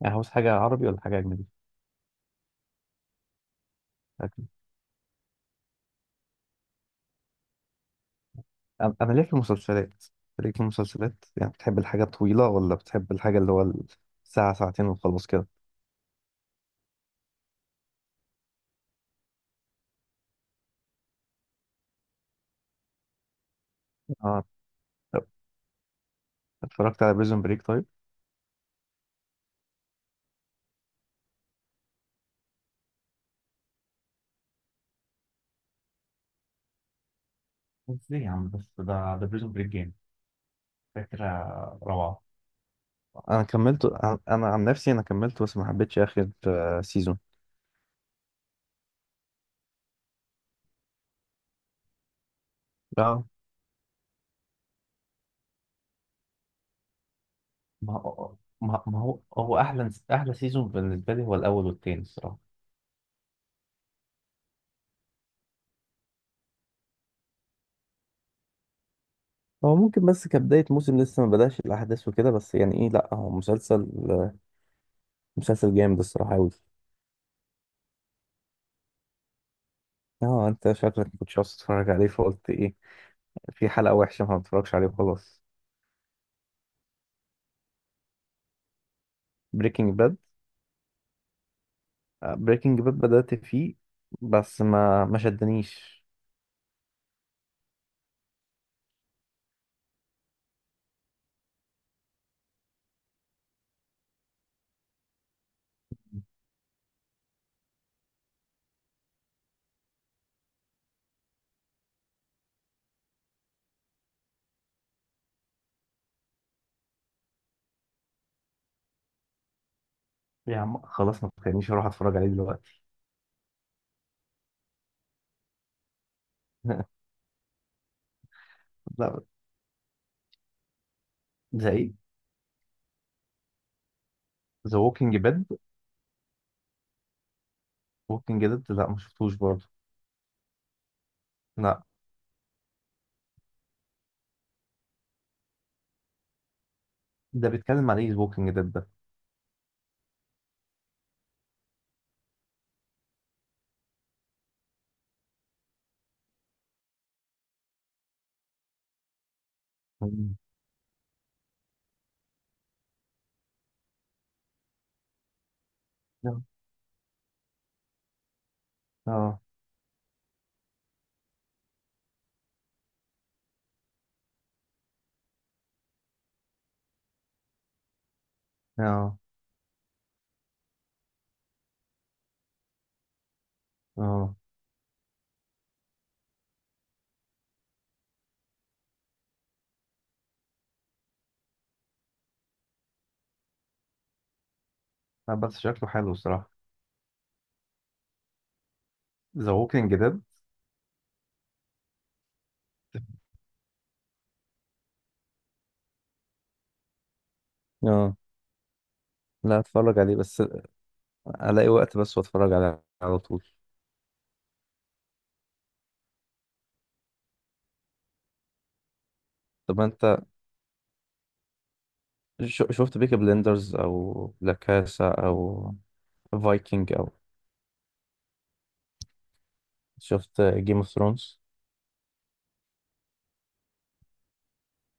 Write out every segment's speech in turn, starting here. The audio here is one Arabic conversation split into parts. يعني عاوز حاجة عربي ولا حاجة أجنبي؟ أجنبي. أنا ليه في المسلسلات؟ ليه في المسلسلات؟ يعني بتحب الحاجة الطويلة ولا بتحب الحاجة اللي هو ساعة ساعتين وخلاص كده؟ اه. طب اتفرجت على بريزون بريك طيب؟ ازاي يا عم، بس ده بريزون بريك جامد، فكرة روعة. أنا كملته، أنا عن نفسي أنا كملته، بس ما حبيتش آخر سيزون. اه. ما هو أحلى سيزون بالنسبة لي هو الأول والتاني الصراحة. هو ممكن، بس كبداية موسم لسه ما بدأش الأحداث وكده، بس يعني إيه، لأ هو مسلسل جامد الصراحة أوي. اه، انت شكلك كنتش عاوز تتفرج عليه فقلت ايه في حلقة وحشة فما تتفرجش عليه وخلاص. بريكنج باد، بريكنج باد بدأت فيه بس ما شدنيش. يا عم خلاص، ما تخلينيش اروح اتفرج عليه دلوقتي. لا. زي ايه؟ ذا ووكينج ديد. ووكينج ديد، لا ما شفتوش برضه. لا، ده بيتكلم عن ايه ذا ووكينج ديد ده؟ مم. اه. اه. اه. آه. لا، بس شكله حلو الصراحة. ذا ووكينج ديد. اه، لا اتفرج عليه بس الاقي وقت بس، واتفرج على على طول. طب انت، شفت بيكي بلندرز او لا كاسا او فايكنج او شفت جيم اوف ثرونز؟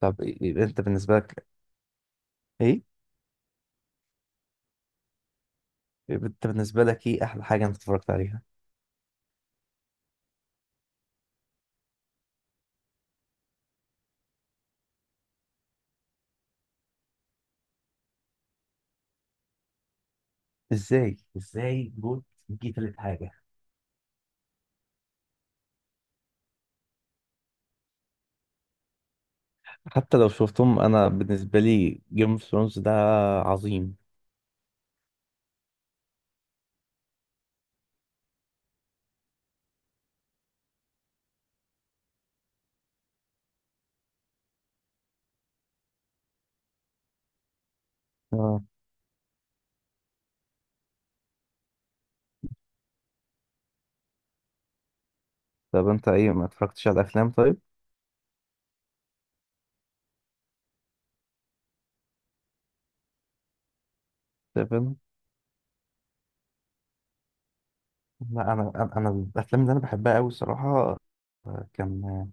طب انت بالنسبه لك ايه، احلى حاجه انت اتفرجت عليها؟ ازاي جوت دي تالت حاجه؟ حتى لو شفتهم، انا بالنسبه لي جيم اوف ثرونز ده عظيم. اه. طب انت ايه، ما اتفرجتش على الافلام طيب؟ طب أنا- لا انا الافلام اللي انا بحبها قوي الصراحه، كان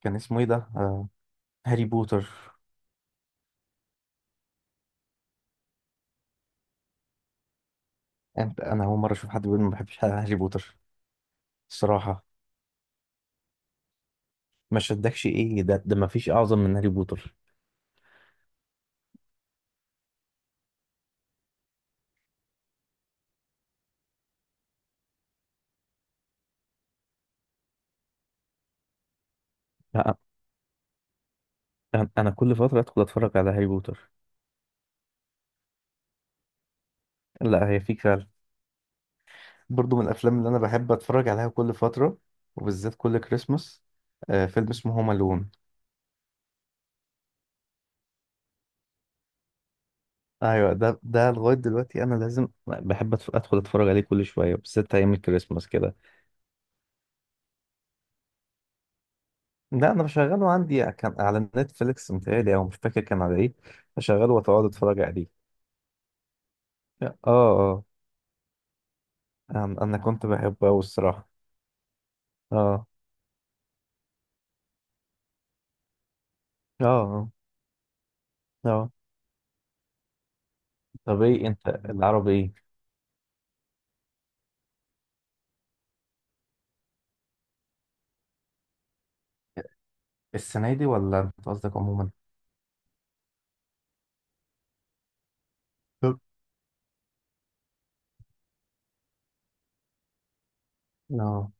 كان اسمه ايه ده، هاري بوتر. انت، انا اول مره اشوف حد بيقول ما بحبش هاري بوتر الصراحه. ما شدكش ايه؟ ده ما فيش اعظم من هاري بوتر. لا انا كل فتره ادخل اتفرج على هاري بوتر. لا هي فيك فعلا. برضو من الافلام اللي انا بحب اتفرج عليها كل فتره، وبالذات كل كريسماس، فيلم اسمه هوم الون. ايوه، ده لغايه دلوقتي انا لازم بحب ادخل اتفرج عليه كل شويه، بالذات ايام الكريسماس كده. لا انا بشغله عندي، كان على نتفليكس متهيألي او مش فاكر كان على ايه، بشغله واتقعد اتفرج عليه. اه. اه. انا كنت بحبه أوي الصراحه. اه. اه. اه. آه. طب ايه انت العربي ايه؟ السنه دي ولا انت قصدك عموما؟ طب. اه.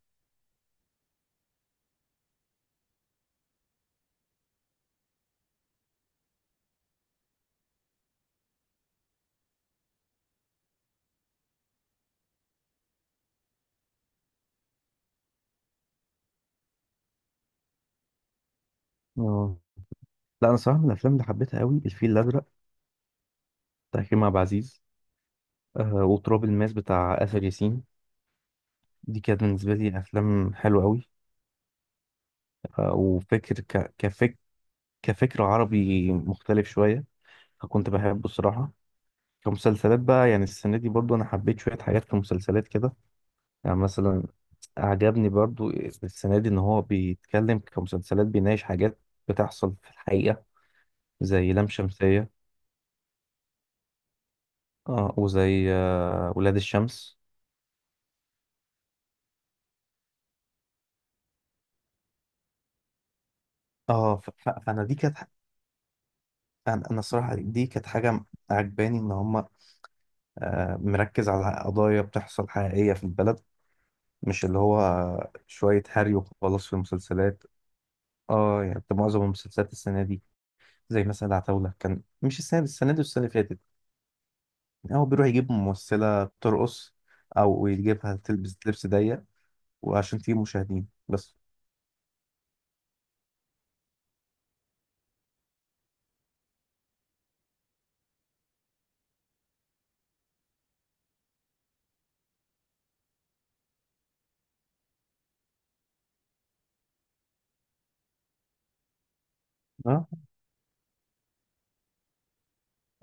اه. لا انا صراحه من الافلام اللي حبيتها قوي الفيل الازرق بتاع كريم عبد العزيز، آه وتراب الماس بتاع اسر ياسين، دي كانت بالنسبه لي افلام حلوه قوي، آه كفكر عربي مختلف شويه، فكنت بحبه الصراحه. كمسلسلات بقى، يعني السنة دي برضو أنا حبيت شوية حاجات كمسلسلات كده، يعني مثلا عجبني برضو السنة دي إن هو بيتكلم كمسلسلات، بيناقش حاجات بتحصل في الحقيقة، زي لام شمسية. اه، وزي ولاد الشمس. اه، فأنا دي كانت ح- أنا الصراحة دي كانت حاجة عجباني إن هما آه مركز على قضايا بتحصل حقيقية في البلد، مش اللي هو شوية هري وخلاص في المسلسلات. اه، يعني معظم المسلسلات السنة دي، زي مثلا العتاولة كان، مش السنة دي، السنة دي والسنة اللي فاتت، هو بيروح يجيب ممثلة بترقص، أو يجيبها تلبس لبس ضيق وعشان تجيب مشاهدين بس. اه،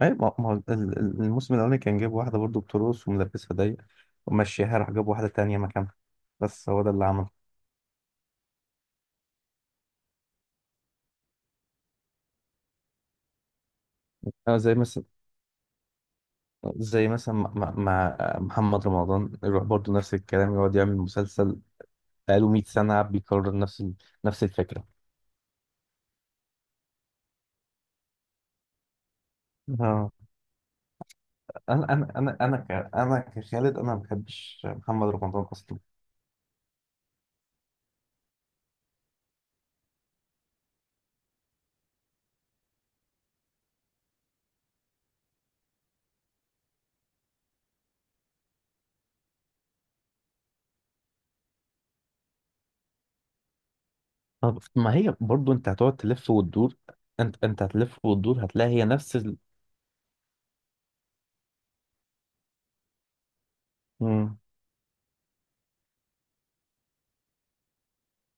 اي ما ما هو الموسم الأولاني كان جايب واحدة برضو بترقص وملبسها ضيق، ومشيها راح جاب واحدة تانية مكانها، بس هو ده اللي عمله. اه، زي مثلا، زي مثلا مع محمد رمضان، يروح برضو نفس الكلام يقعد يعمل مسلسل بقاله 100 سنة بيكرر نفس نفس الفكرة. اه، انا كخالد انا ما بحبش محمد رمضان اصلا. طب ما هي برضو انت هتقعد تلف وتدور. انت هتلف وتدور هتلاقي هي نفس ال... مم.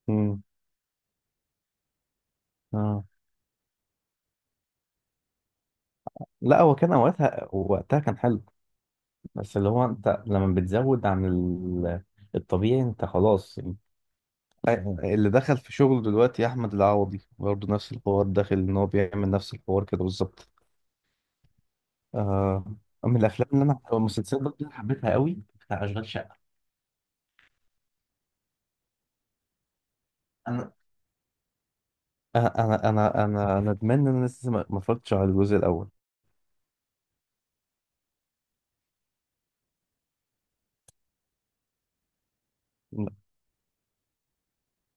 مم. آه. لا هو كان وقتها، وقتها كان حلو، بس اللي هو انت لما بتزود عن ال... الطبيعي، انت خلاص. اللي دخل في شغله دلوقتي يا احمد العوضي برضه نفس الحوار، داخل ان هو بيعمل نفس الحوار كده بالظبط. آه. من الافلام اللي انا، أو المسلسلات برضه، اللي حبيتها قوي بتاع اشغال شقه. انا انا انا انا أنا ندمان ان انا لسه ما اتفرجتش على الجزء الاول.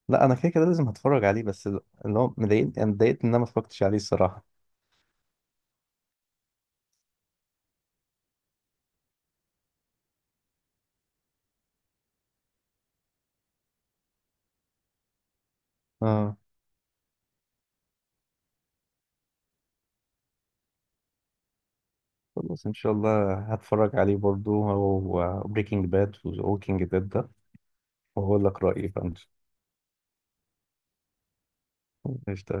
لا انا كده كده لازم هتفرج عليه بس اللي هو مضايقني، انا اتضايقت ان انا ما اتفرجتش عليه الصراحه. اه، خلاص ان شاء الله هتفرج عليه برضو، هو بريكنج باد ووكينج ديد ده، وهقول لك رايي بقى. قشطة قشطة.